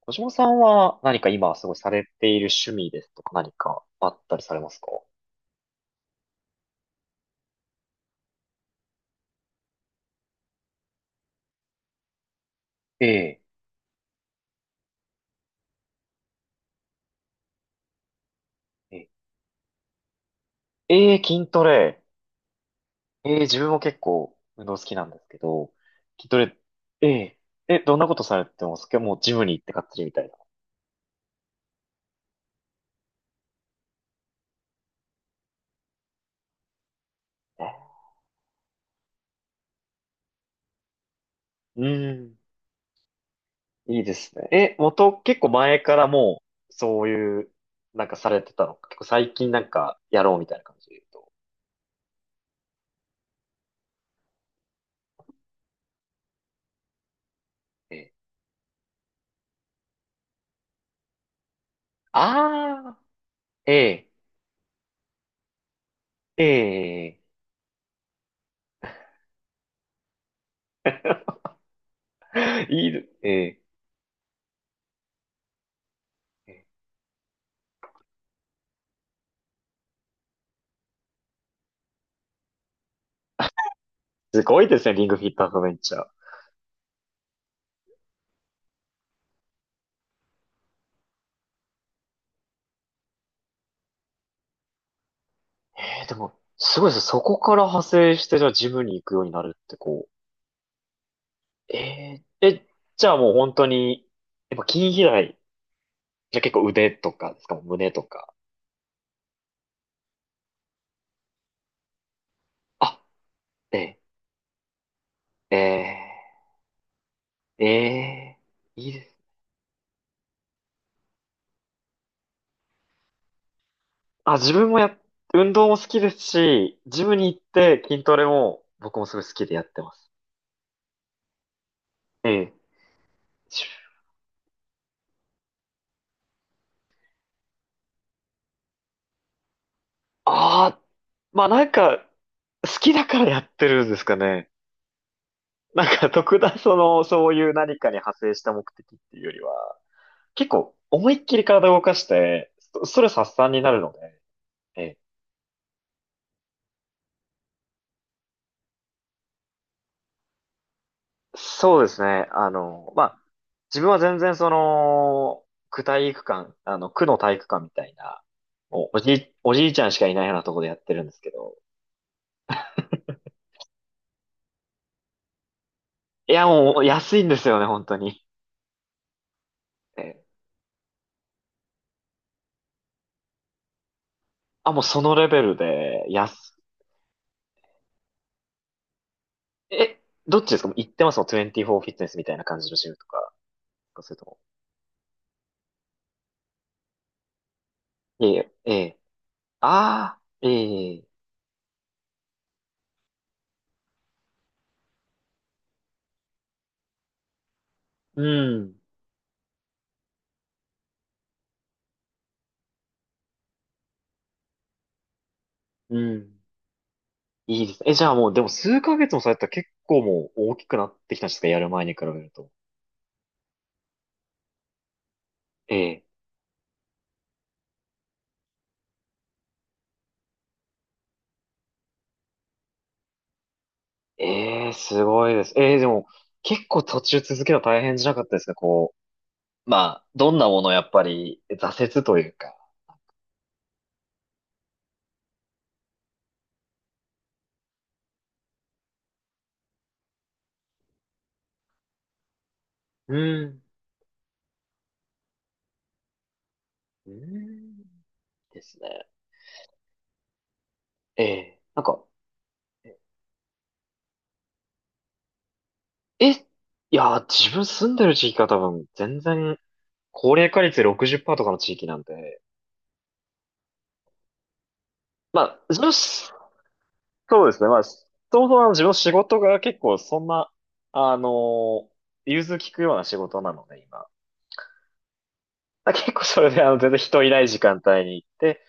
小島さんは何か今すごいされている趣味ですとか何かあったりされますか？ええ。ええ、ええ筋トレ。ええ、自分も結構運動好きなんですけど、筋トレ、ええ、どんなことされてますか？もうジムに行ってがっつりみたいな。ね。うーん、いいですね。元、結構前からもう、そういう、なんかされてたのか。結構最近なんかやろうみたいな感じで言うと。ええ。ああ、ええ、ええ、いいで、ええ。すごいですね、リングフィットアドベンチャー。でも、すごいですね。そこから派生して、じゃあジムに行くようになるってこう。じゃあもう本当に、やっぱ筋肥大、じゃあ結構腕とかですか、胸とか。あ、えー、えー、えいいです。あ、自分もや、運動も好きですし、ジムに行って筋トレも僕もすごい好きでやってます。ええ。ああ、まあなんか、好きだからやってるんですかね。なんか特段その、そういう何かに派生した目的っていうよりは、結構思いっきり体を動かして、ストレス発散になるので、ええ、そうですね。あの、まあ、自分は全然その、区体育館、あの、区の体育館みたいな、おじいちゃんしかいないようなところでやってるんですけど、いや、もう安いんですよね、本当に。ええ、あ、もうそのレベルで、え、どっちですか？もう行ってますもん、24フィットネスみたいな感じのジムとか、そういうとこ。いえいええ、ああ、ええ、うん。うん。いいですね。え、じゃあもう、でも数ヶ月もされたら結構もう大きくなってきたんですか？やる前に比べると。ええ、ええ、すごいです。ええ、でも、結構途中続けた大変じゃなかったですか？こう、まあ、どんなものやっぱり挫折というか。うん。うんですね。ええ、なんか、いやー、自分住んでる地域が多分、全然、高齢化率60%とかの地域なんで、まあ、自分そうですね。まあ、そもそもあの自分の仕事が結構そんな、あのー融通きくような仕事なので、今。だ結構それで、あの、全然人いない時間帯に行って、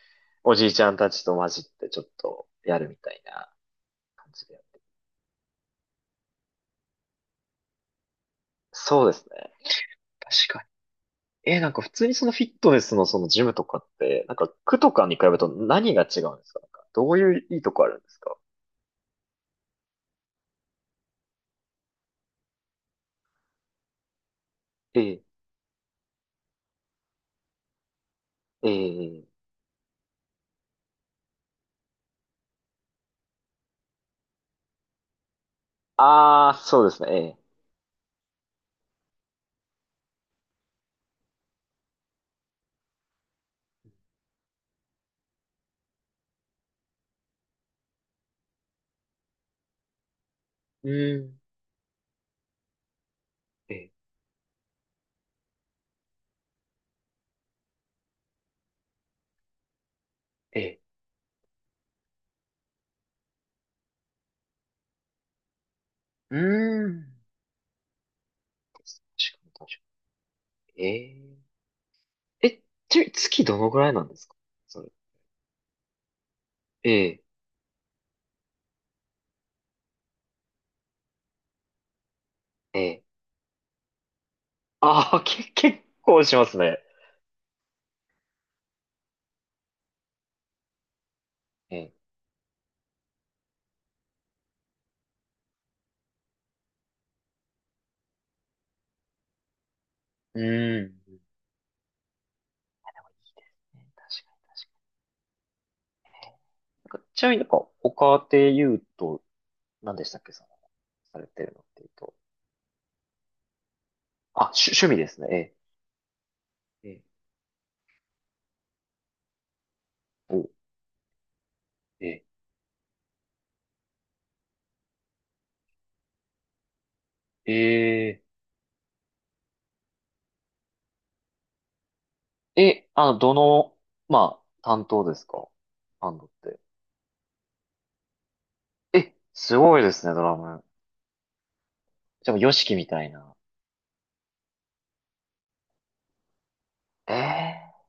おじいちゃんたちと混じってちょっとやるみたいな感じで。そうですね。確かに。なんか普通にそのフィットネスのそのジムとかって、なんか区とかに比べると何が違うんですか？なんかどういういいとこあるんですか？ええ、ええ、ああ、そうですね。ええ、うん、ええ、ええ、うーん。確かに確かに。えええ、ちなみに月どのぐらいなんですか？それ。ええ、ええ。ああ、結構しますね。ええ。うん。いいですね。確かに確かに。なんかちなみになんか、他で言うと、何でしたっけ、その、されてるのっていうと。あ、趣味ですね。ええ。ええ。ええ。ええ。え、あの、どの、まあ、担当ですか？バンドって。え、すごいですね、ドラム。じゃあ、ヨシキみたいな。ええ。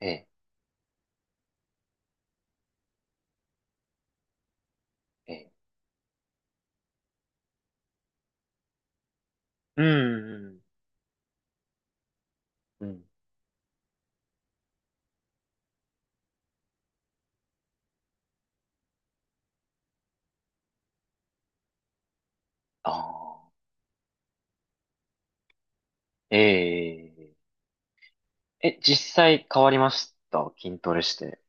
ええ。ええ。うん。うん。ああ、えええ、実際変わりました？筋トレして。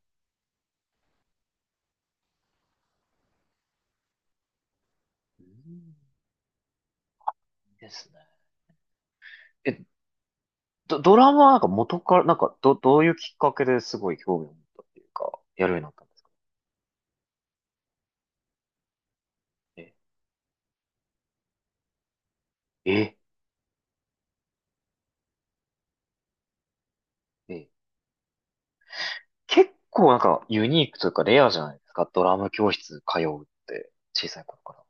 うんですね。え、ドラマはなんか元から、どういうきっかけですごい興味を持ったっていうか、やるようになったんですか？え、え、え、結構なんかユニークというかレアじゃないですか、ドラム教室通うって、小さい頃か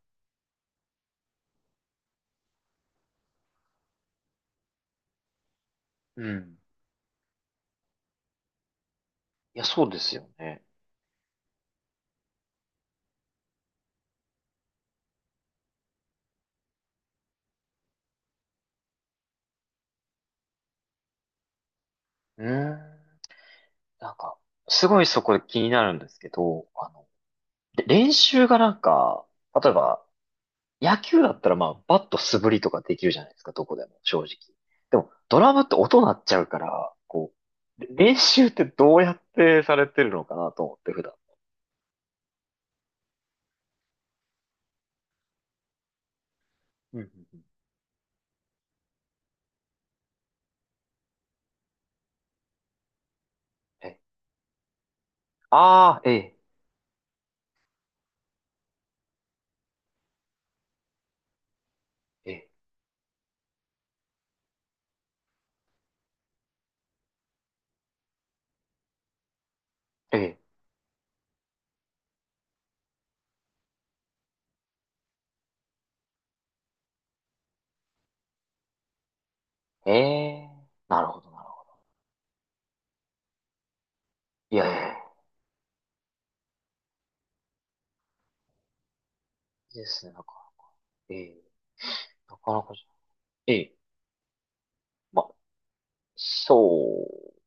ら。うん。いや、そうですよね。うーん。なんか、すごいそこで気になるんですけど、あの、で、練習がなんか、例えば、野球だったらまあ、バット素振りとかできるじゃないですか、どこでも、正直。でも、ドラムって音鳴っちゃうから、こう、練習ってどうやってされてるのかなと思って、普段。うんうんうん。え、ああ、ええ、ええ、ええ、ええ、なるほど、なるほど。いやいや、いいですね、なんか、ええ、なかなかじゃ、ええ、まあ、そう、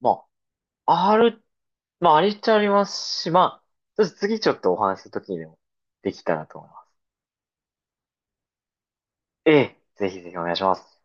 まあ、ある、まあ、ありっちゃありますし、まあ、ちょっと次ちょっとお話しするときにでもできたらと思います。ええ、ぜひぜひお願いします。